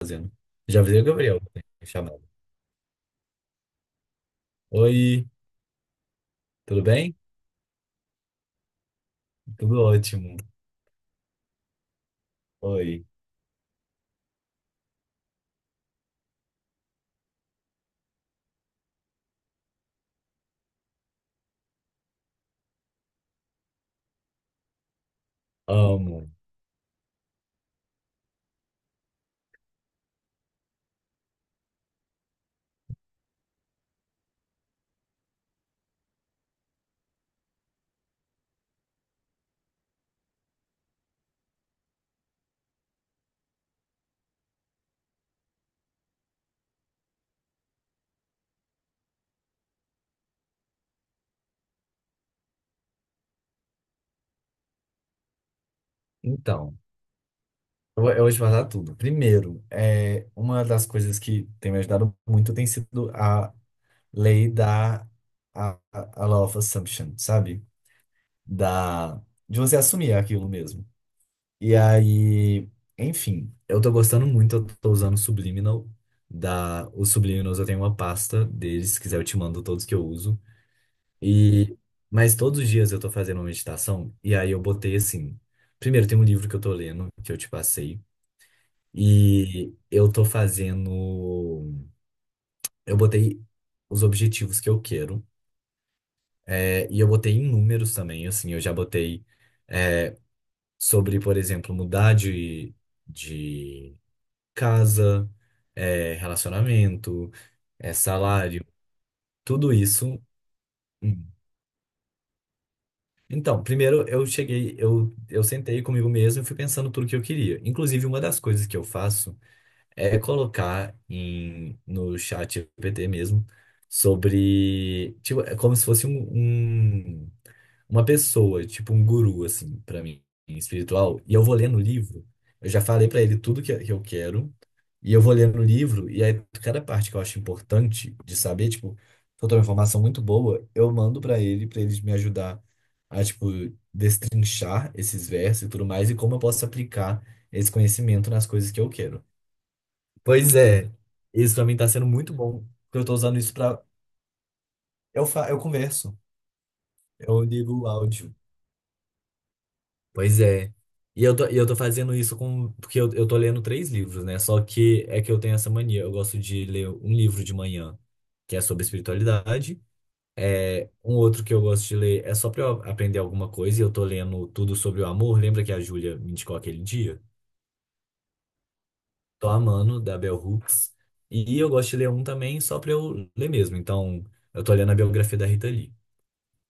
Fazendo. Já avisei o Gabriel, né, chamado. Oi, tudo bem? Tudo ótimo. Oi, amo. Então, eu vou te falar tudo. Primeiro, é, uma das coisas que tem me ajudado muito tem sido a lei a law of assumption, sabe? Da, de você assumir aquilo mesmo. E aí, enfim, eu tô gostando muito, eu tô usando o Subliminal. Os Subliminals eu tenho uma pasta deles, se quiser eu te mando todos que eu uso. E, mas todos os dias eu tô fazendo uma meditação, e aí eu botei assim. Primeiro, tem um livro que eu tô lendo, que eu te passei, e eu tô fazendo. Eu botei os objetivos que eu quero, é, e eu botei em números também, assim, eu já botei é, sobre, por exemplo, mudar de casa, é, relacionamento, é, salário, tudo isso. hum, Então, primeiro eu cheguei, eu sentei comigo mesmo e fui pensando tudo que eu queria. Inclusive, uma das coisas que eu faço é colocar no chat GPT mesmo sobre, tipo, é como se fosse uma pessoa, tipo um guru, assim, pra mim, espiritual, e eu vou ler no livro, eu já falei pra ele tudo que eu quero, e eu vou ler no livro, e aí cada parte que eu acho importante de saber, tipo, se eu tô uma informação muito boa, eu mando pra ele me ajudar a, tipo, destrinchar esses versos e tudo mais, e como eu posso aplicar esse conhecimento nas coisas que eu quero. Pois é, isso pra mim tá sendo muito bom, porque eu tô usando isso pra. Eu converso, eu ligo o áudio. Pois é. E eu tô fazendo isso com. Porque eu tô lendo três livros, né? Só que é que eu tenho essa mania. Eu gosto de ler um livro de manhã, que é sobre espiritualidade. É, um outro que eu gosto de ler é só pra eu aprender alguma coisa, e eu tô lendo tudo sobre o amor. Lembra que a Júlia me indicou aquele dia? Tô amando, da Bell Hooks. E eu gosto de ler um também só pra eu ler mesmo. Então, eu tô lendo a biografia da Rita Lee.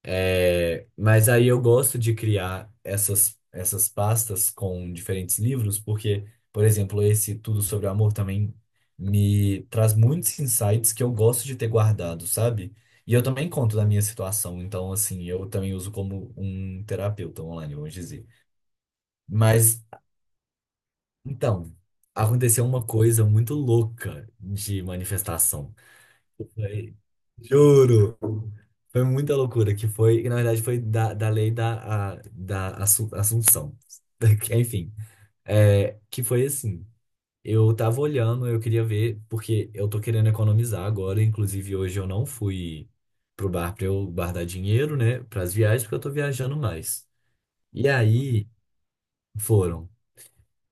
É, mas aí eu gosto de criar essas pastas com diferentes livros, porque, por exemplo, esse Tudo sobre o Amor também me traz muitos insights que eu gosto de ter guardado, sabe? E eu também conto da minha situação, então, assim, eu também uso como um terapeuta online, vamos dizer. Mas, então, aconteceu uma coisa muito louca de manifestação. Foi- Juro! Foi muita loucura, que foi, que na verdade foi da lei da Assunção. Enfim, é, que foi assim, eu tava olhando, eu queria ver, porque eu tô querendo economizar agora, inclusive hoje eu não fui pro bar pra eu guardar dinheiro, né, pras viagens, porque eu tô viajando mais. E aí, foram.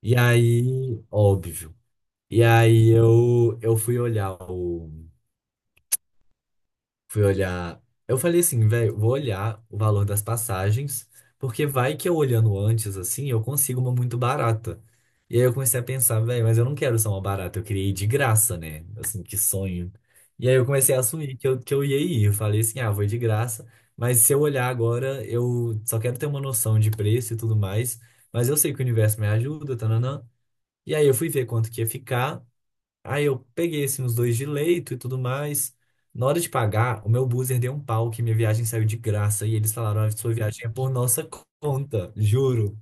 E aí, óbvio. E aí eu fui olhar. Eu falei assim, velho, vou olhar o valor das passagens, porque vai que eu olhando antes, assim, eu consigo uma muito barata. E aí eu comecei a pensar, velho, mas eu não quero só uma barata, eu queria ir de graça, né? Assim, que sonho. E aí eu comecei a assumir que eu ia ir. Eu falei assim, ah, vou ir de graça, mas se eu olhar agora, eu só quero ter uma noção de preço e tudo mais, mas eu sei que o universo me ajuda, tananã. E aí eu fui ver quanto que ia ficar. Aí eu peguei assim os dois de leito e tudo mais. Na hora de pagar, o meu buzzer deu um pau que minha viagem saiu de graça e eles falaram, "Ah, a sua viagem é por nossa conta", juro.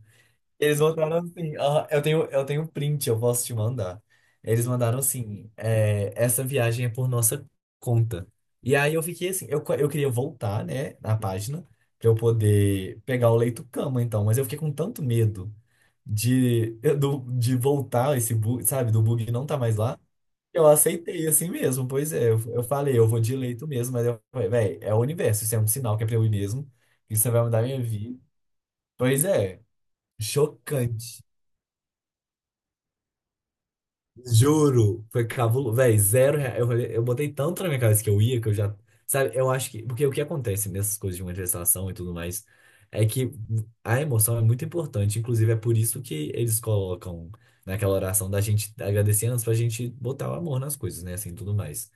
Eles mandaram assim, ah, eu tenho um print, eu posso te mandar. Eles mandaram assim, é, essa viagem é por nossa conta. E aí eu fiquei assim, eu queria voltar, né, na página pra eu poder pegar o leito cama então, mas eu fiquei com tanto medo de de voltar esse bug, sabe, do bug não tá mais lá. Eu aceitei assim mesmo, pois é. Eu falei, eu vou de leito mesmo, mas eu falei, velho, é o universo, isso é um sinal que é pra eu ir mesmo. Isso vai mudar minha vida. Pois é, chocante. Juro, foi cabuloso. Velho, zero real. Eu falei, eu botei tanto na minha cabeça que eu ia, que eu já. Sabe, eu acho que. Porque o que acontece nessas coisas de manifestação e tudo mais é que a emoção é muito importante. Inclusive, é por isso que eles colocam naquela oração da gente agradecer antes pra gente botar o amor nas coisas, né? Assim, tudo mais.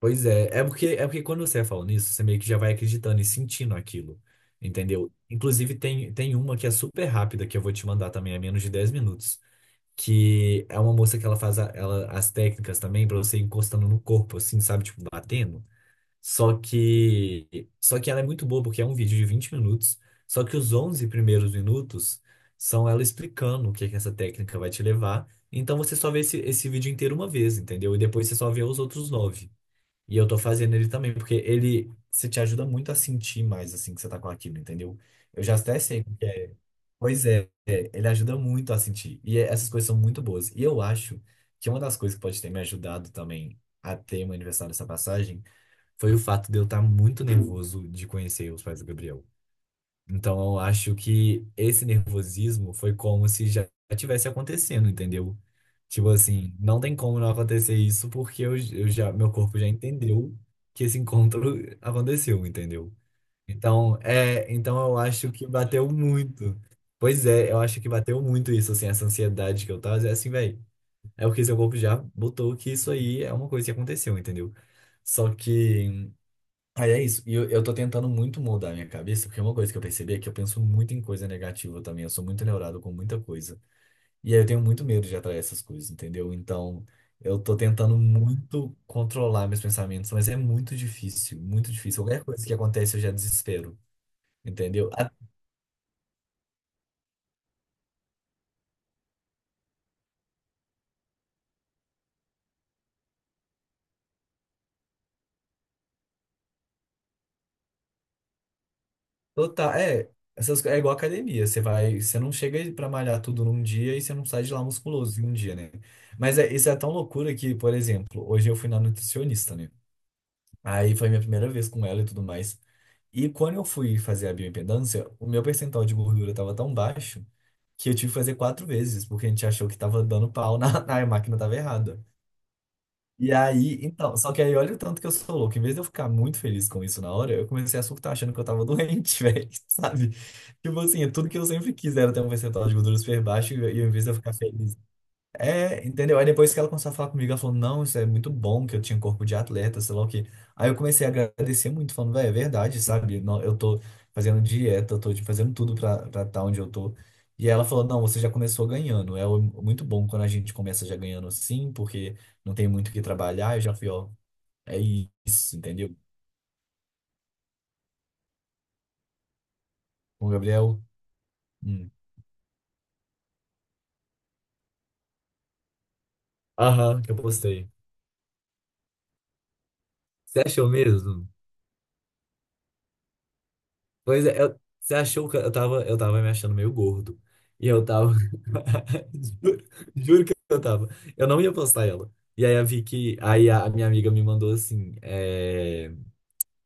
Pois é, é porque quando você vai falando isso, você meio que já vai acreditando e sentindo aquilo, entendeu? Inclusive, tem uma que é super rápida, que eu vou te mandar também, é menos de 10 minutos, que é uma moça que ela faz as técnicas também pra você ir encostando no corpo, assim, sabe? Tipo, batendo. Só que ela é muito boa, porque é um vídeo de 20 minutos, só que os 11 primeiros minutos são ela explicando o que é que essa técnica vai te levar, então você só vê esse vídeo inteiro uma vez, entendeu? E depois você só vê os outros nove e eu tô fazendo ele também, porque ele se te ajuda muito a sentir mais assim que você tá com aquilo, entendeu? Eu já até sei o que é. Pois é, é, ele ajuda muito a sentir. Essas coisas são muito boas. E eu acho que uma das coisas que pode ter me ajudado também a ter um aniversário dessa passagem foi o fato de eu estar muito nervoso de conhecer os pais do Gabriel. Então eu acho que esse nervosismo foi como se já tivesse acontecendo, entendeu? Tipo assim, não tem como não acontecer isso porque eu já, meu corpo já entendeu que esse encontro aconteceu, entendeu? Então, é, então eu acho que bateu muito. Pois é, eu acho que bateu muito isso, assim, essa ansiedade que eu tava, é assim, velho. É porque seu corpo já botou que isso aí é uma coisa que aconteceu, entendeu? Só que Aí é isso. E eu tô tentando muito mudar a minha cabeça, porque é uma coisa que eu percebi é que eu penso muito em coisa negativa também. Eu sou muito neurado com muita coisa. E aí eu tenho muito medo de atrair essas coisas, entendeu? Então, eu tô tentando muito controlar meus pensamentos, mas é muito difícil, muito difícil. Qualquer coisa que acontece, eu já desespero, entendeu? A Total, é, é igual academia. Você vai, você não chega pra malhar tudo num dia e você não sai de lá musculoso em um dia, né? Mas é, isso é tão loucura que, por exemplo, hoje eu fui na nutricionista, né? Aí foi minha primeira vez com ela e tudo mais. E quando eu fui fazer a bioimpedância, o meu percentual de gordura estava tão baixo que eu tive que fazer 4 vezes, porque a gente achou que estava dando pau na, na máquina estava errada. E aí, então, só que aí olha o tanto que eu sou louco. Em vez de eu ficar muito feliz com isso na hora, eu comecei a surtar achando que eu tava doente, velho, sabe? Tipo assim, é tudo que eu sempre quis era ter um percentual de gordura super baixo, e em vez de eu ficar feliz é, entendeu? Aí depois que ela começou a falar comigo, ela falou, não, isso é muito bom, que eu tinha corpo de atleta, sei lá o quê. Aí eu comecei a agradecer muito, falando, velho, é verdade, sabe? Não, eu tô fazendo dieta, eu tô fazendo tudo pra estar onde eu tô. E ela falou, não, você já começou ganhando. Muito bom quando a gente começa já ganhando assim, porque não tem muito o que trabalhar. Eu já fui, ó, é isso, entendeu? Com o Gabriel, hum, aham, que eu postei. Você achou mesmo? Pois é, você achou que eu tava me achando meio gordo. E eu tava. Juro, juro que eu tava. Eu não ia postar ela. E aí a Vicky, aí a minha amiga me mandou assim: é,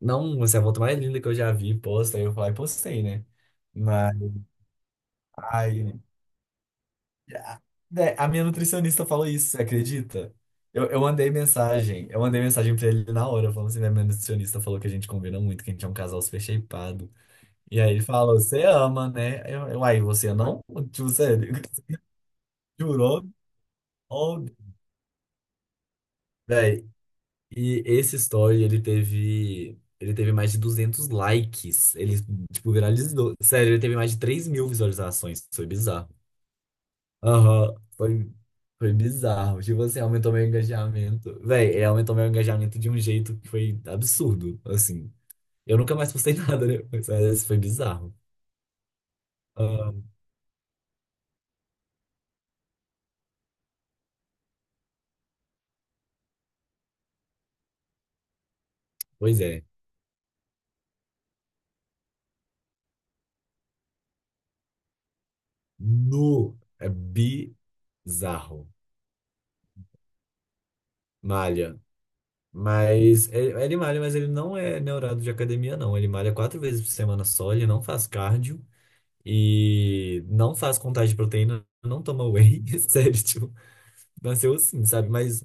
não, você é a foto mais linda que eu já vi, posta. Aí eu falei, postei, né? Mas. Ai, a né, a minha nutricionista falou isso, você acredita? Eu mandei mensagem pra ele na hora, falando assim: né, minha nutricionista falou que a gente combina muito, que a gente é um casal super shapeado. E aí ele falou, você ama, né? Aí você não? Tipo, sério, jurou? Oh, véi. E esse story, ele teve mais de 200 likes. Ele, tipo, viralizou. Sério, ele teve mais de 3 mil visualizações. Foi bizarro. Aham, foi bizarro. Tipo assim, aumentou meu engajamento. Véi, ele aumentou meu engajamento de um jeito que foi absurdo, assim. Eu nunca mais postei nada, né? Mas esse foi bizarro. Ah, pois é. Nu, é bizarro. Malha. Mas ele malha, mas ele não é neurado de academia, não. Ele malha 4 vezes por semana só, ele não faz cardio e não faz contagem de proteína, não toma whey. Sério, tipo, nasceu assim, sabe? Mas,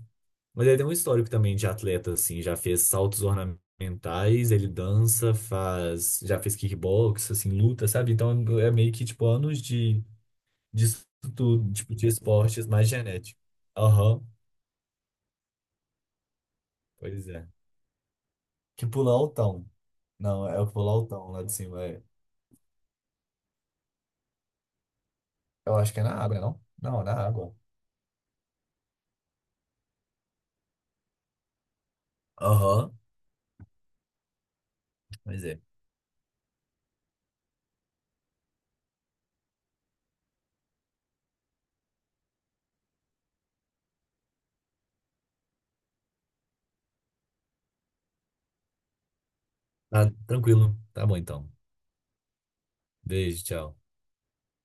mas ele tem um histórico também de atleta, assim, já fez saltos ornamentais, ele dança, faz, já fez kickbox, assim, luta, sabe? Então é meio que, tipo, anos de, disso tudo, tipo, de esportes mais genético. Aham, pois é. Que pular o tão. Não, é o pulo altão lá de cima. É. Eu acho que é na água, não? Não, é na água. Aham, mas é. Tá tranquilo. Tá bom então. Beijo, tchau.